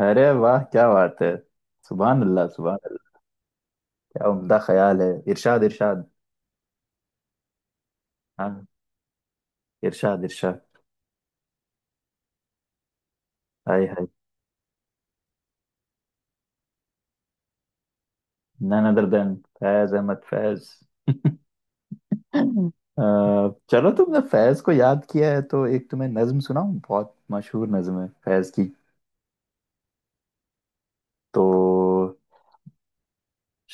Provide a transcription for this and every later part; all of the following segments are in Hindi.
अरे वाह क्या बात है। सुभान अल्लाह, सुभान अल्लाह। क्या उम्दा ख्याल है, इरशाद इरशाद। हाँ, इरशाद इरशाद। हाय हाय। None other than Faiz Ahmad Faiz. हम्म। चलो, तुमने फैज को याद किया है तो एक तुम्हें नज्म सुनाऊं, बहुत मशहूर नज्म है फैज की। तो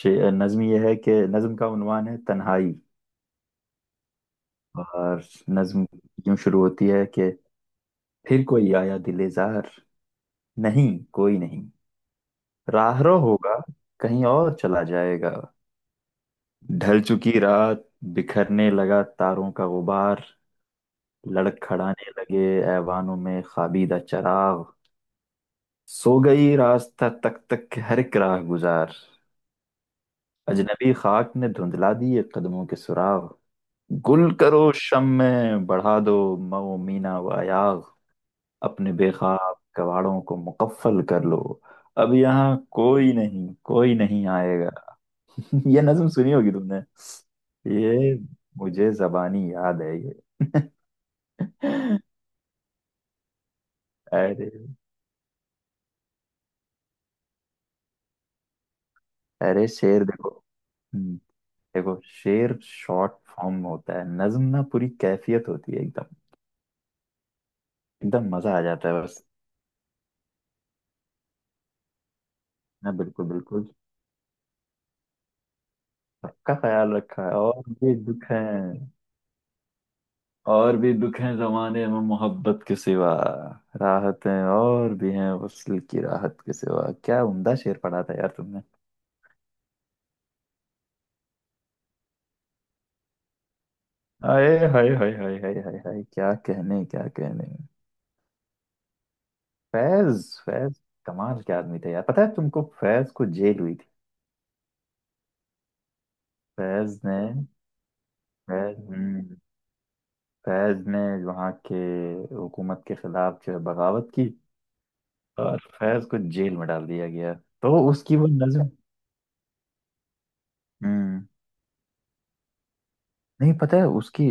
नज्म ये है कि नज्म का उन्वान है तन्हाई, और नज्म यूं शुरू होती है कि, फिर कोई आया दिलेजार, नहीं कोई नहीं, राहरो होगा कहीं और चला जाएगा। ढल चुकी रात, बिखरने लगा तारों का गुबार, लड़खड़ाने लगे ऐवानों में खाबीदा चराग, सो गई रास्ता तक तक के हर एक राह गुजार, अजनबी खाक ने धुंधला दिए कदमों के सुराग। गुल करो शम में, बढ़ा दो मऊ मीना व अयाग, अपने बेखाब कवाड़ों को मुकफ्फल कर लो, अब यहाँ कोई नहीं, कोई नहीं आएगा। ये नज्म सुनी होगी तुमने। ये मुझे जबानी याद है। अरे, अरे शेर देखो। हम्म। देखो, शेर शॉर्ट फॉर्म में होता है, नज्म ना पूरी कैफियत होती है एकदम, एकदम मजा आ जाता है बस। ना, बिल्कुल बिल्कुल, सबका ख्याल रखा है। और भी दुख है, और भी दुख है जमाने में मोहब्बत के सिवा, राहतें और भी हैं वصل की राहत के सिवा। क्या उम्दा शेर पढ़ा था यार तुमने। आए हाय हाय हाय हाय हाय हाय, क्या कहने क्या कहने। फैज फैज, कमाल के आदमी थे यार। पता है तुमको, फैज को जेल हुई थी। फैज ने, फैज, फैज ने वहाँ के हुकूमत के खिलाफ जो है बगावत की, और फैज को जेल में डाल दिया गया। तो उसकी वो नज्म, हम्म, नहीं पता है उसकी।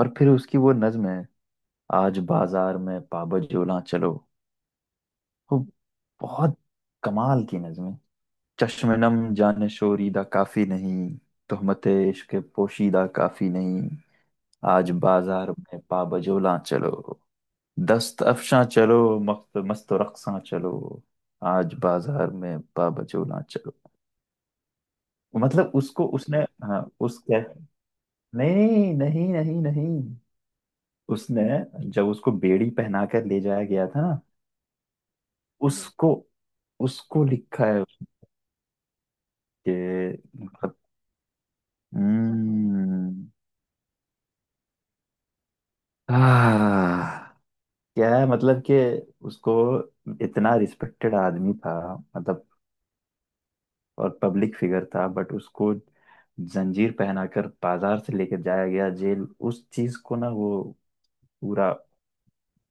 और फिर उसकी वो नज्म है, आज बाजार में पाबजोला चलो। वो बहुत कमाल की नज्म है। चश्मे-नम जाने शोरीदा काफी नहीं, तहमत इश्क पोशीदा काफी नहीं, आज बाजार में पाबजोला चलो, दस्त अफशां चलो, मस्त मस्त रक्सां चलो, आज बाजार में बाबजोला चलो। मतलब उसको उसने, हाँ, उस क्या, नहीं नहीं नहीं नहीं, उसने, जब उसको बेड़ी पहना कर ले जाया गया था ना, उसको, उसको लिखा है उसके, मतलब, हम्म, आह, क्या है मतलब कि उसको, इतना रिस्पेक्टेड आदमी था, मतलब, और पब्लिक फिगर था, बट उसको जंजीर पहनाकर बाजार से लेकर जाया गया जेल। उस चीज को ना वो पूरा।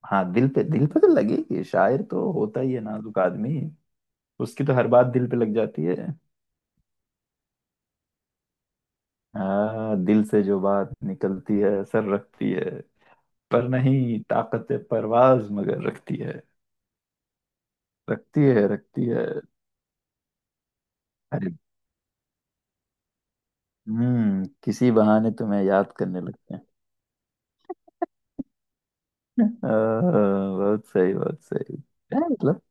हाँ, दिल पे तो लगेगी, शायर तो होता ही है नाजुक आदमी, उसकी तो हर बात दिल पे लग जाती है। हाँ, दिल से जो बात निकलती है असर रखती है, पर नहीं ताकत परवाज मगर रखती है, रखती है रखती है। अरे, हम्म, किसी बहाने तुम्हें याद करने लगते हैं। अ, बहुत सही है, मतलब।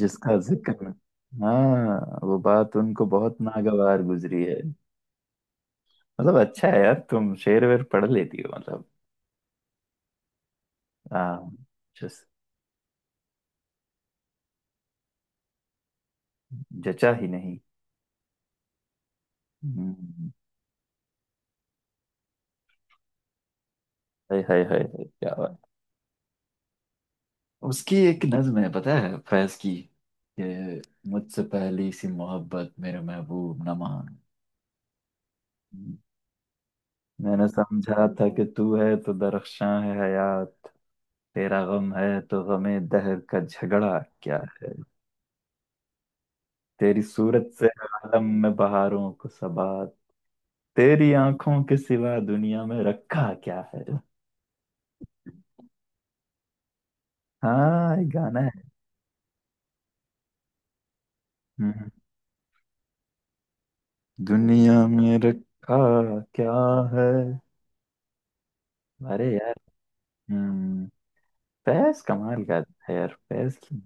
जिसका जिक्र, हाँ वो बात उनको बहुत नागवार गुजरी है। मतलब अच्छा है यार तुम शेर वेर पढ़ लेती हो मतलब। हाँ, जस, जचा ही नहीं। हम्म। हाय हाय हाय हाय, क्या बात। उसकी एक नज्म है पता है, फैज की, कि मुझसे पहली सी मोहब्बत मेरे महबूब न मान। मैंने समझा था कि तू है तो दरख्शां है हयात, तेरा गम है तो गमे दहर का झगड़ा क्या, तेरी सूरत से आलम में बहारों को सबा, तेरी आंखों के सिवा दुनिया में रखा क्या है। हाँ, ये गाना है। हम्म, हम्म। दुनिया में रखा क्या है। अरे यार, हम्म, फैज कमाल का है यार फैज की।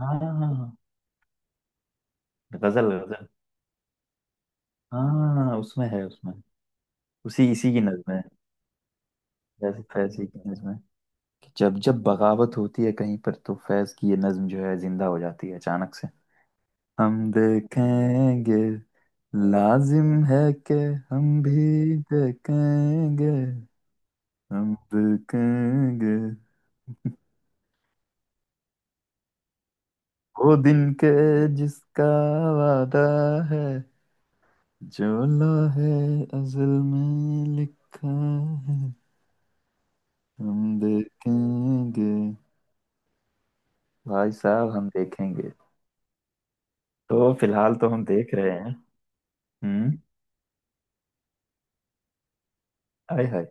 हाँ, गजल गजल। हाँ, उसमें है उसमें, उसी इसी की नज्म है, फैज फैज ही की नज्म है। कि जब जब बगावत होती है कहीं पर, तो फैज की ये नज्म जो है जिंदा हो जाती है अचानक से। हम देखेंगे, लाजिम है कि हम भी देखेंगे, हम देखेंगे वो दिन के जिसका वादा है, जो लोहे अज़ल में लिखा है, हम देखेंगे। भाई साहब हम देखेंगे। तो फिलहाल तो हम देख रहे हैं। हम्म। आय हाय,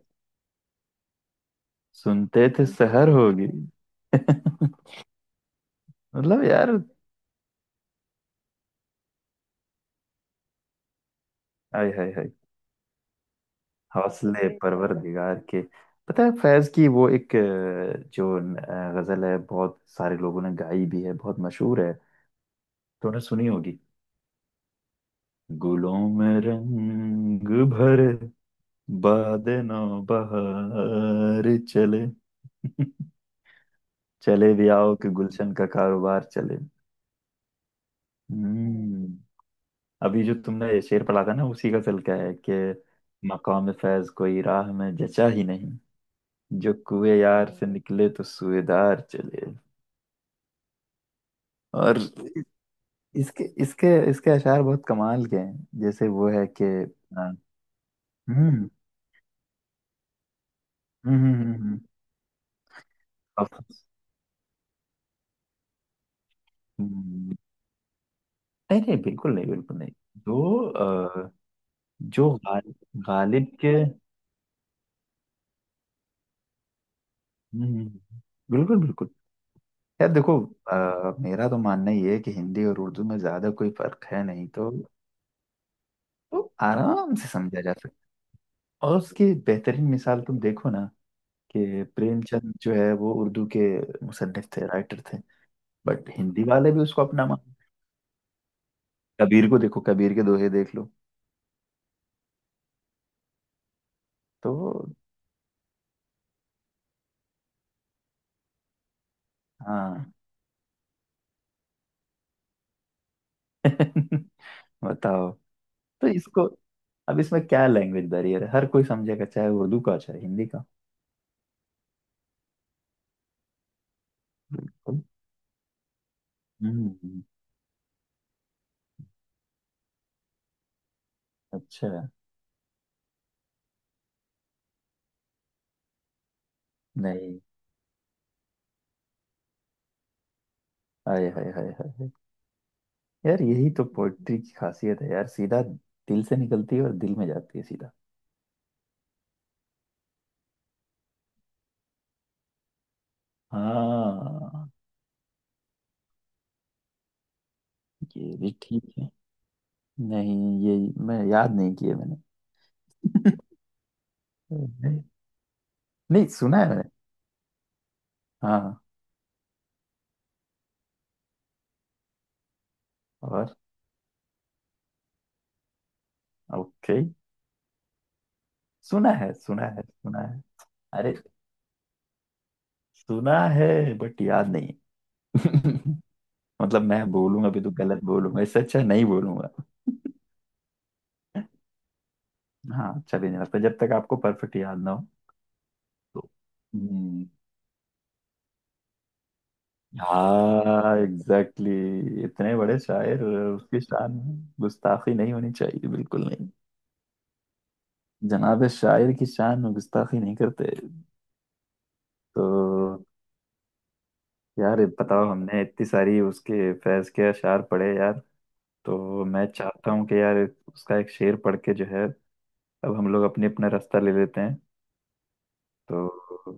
सुनते थे शहर होगी। मतलब यार, आय हाय हाय, हौसले हौसले परवरदिगार के। पता है, फैज की वो एक जो गजल है, बहुत सारे लोगों ने गाई भी है, बहुत मशहूर है। तूने सुनी होगी। गुलों में रंग भर, बाद नौ बहार चले, चले भी आओ कि गुलशन का कारोबार चले। हम्म। अभी जो तुमने ये शेर पढ़ा था ना उसी का गजल का है कि, मकाम फैज कोई राह में जचा ही नहीं, जो कुए यार से निकले तो सुएदार चले। और इसके इसके इसके अशार बहुत कमाल के हैं, जैसे वो है कि अ, हम्म हम्म हम्म हम्म, अब- हम्म, नहीं नहीं, बिल्कुल नहीं, बिल्कुल नहीं। जो अ, जो गालिब के, हम्म, हम्म। बिल्कुल बिल्कुल। यार देखो, मेरा तो मानना ये है कि हिंदी और उर्दू में ज्यादा कोई फर्क है नहीं, तो, तो आराम से समझा जा सकता है। और उसकी बेहतरीन मिसाल तुम देखो ना, कि प्रेमचंद जो है वो उर्दू के मुसन्निफ थे, राइटर थे, बट हिंदी वाले भी उसको अपना मान। कबीर को देखो, कबीर के दोहे देख लो तो। हाँ। बताओ, तो इसको, अब इसमें क्या लैंग्वेज बैरियर है, हर कोई समझेगा चाहे उर्दू का चाहे हिंदी का। बिल्कुल। हम्म। अच्छा नहीं। हाय हाय हाय हाय हाय। यार यही तो पोइट्री की खासियत है यार, सीधा दिल से निकलती है और दिल में जाती है सीधा। हाँ, ये भी ठीक है। नहीं ये मैं याद नहीं किए मैंने, नहीं, नहीं, सुना है मैंने। हाँ। और ओके, सुना है सुना है सुना है। अरे, सुना है बट याद नहीं है। मतलब मैं बोलूंगा भी तो गलत बोलूंगा, इससे अच्छा नहीं बोलूंगा। हाँ, अच्छा भी नहीं लगता जब तक आपको परफेक्ट याद ना हो। तो, हम्म, हाँ एग्जैक्टली, exactly। इतने बड़े शायर, उसकी शान में गुस्ताखी नहीं होनी चाहिए बिल्कुल नहीं। जनाब शायर की शान में गुस्ताखी नहीं करते। तो यार बताओ, हमने इतनी सारी उसके फैज के अशार पढ़े यार, तो मैं चाहता हूँ कि यार उसका एक शेर पढ़ के जो है, अब हम लोग अपने अपना रास्ता ले लेते हैं। तो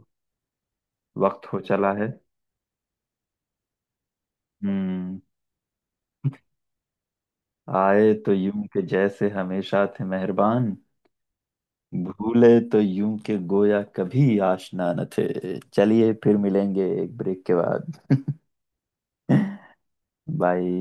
वक्त हो चला है। हम्म। आए तो यूं के जैसे हमेशा थे मेहरबान, भूले तो यूं के गोया कभी आशना न थे। चलिए फिर मिलेंगे एक ब्रेक के बाद। बाय।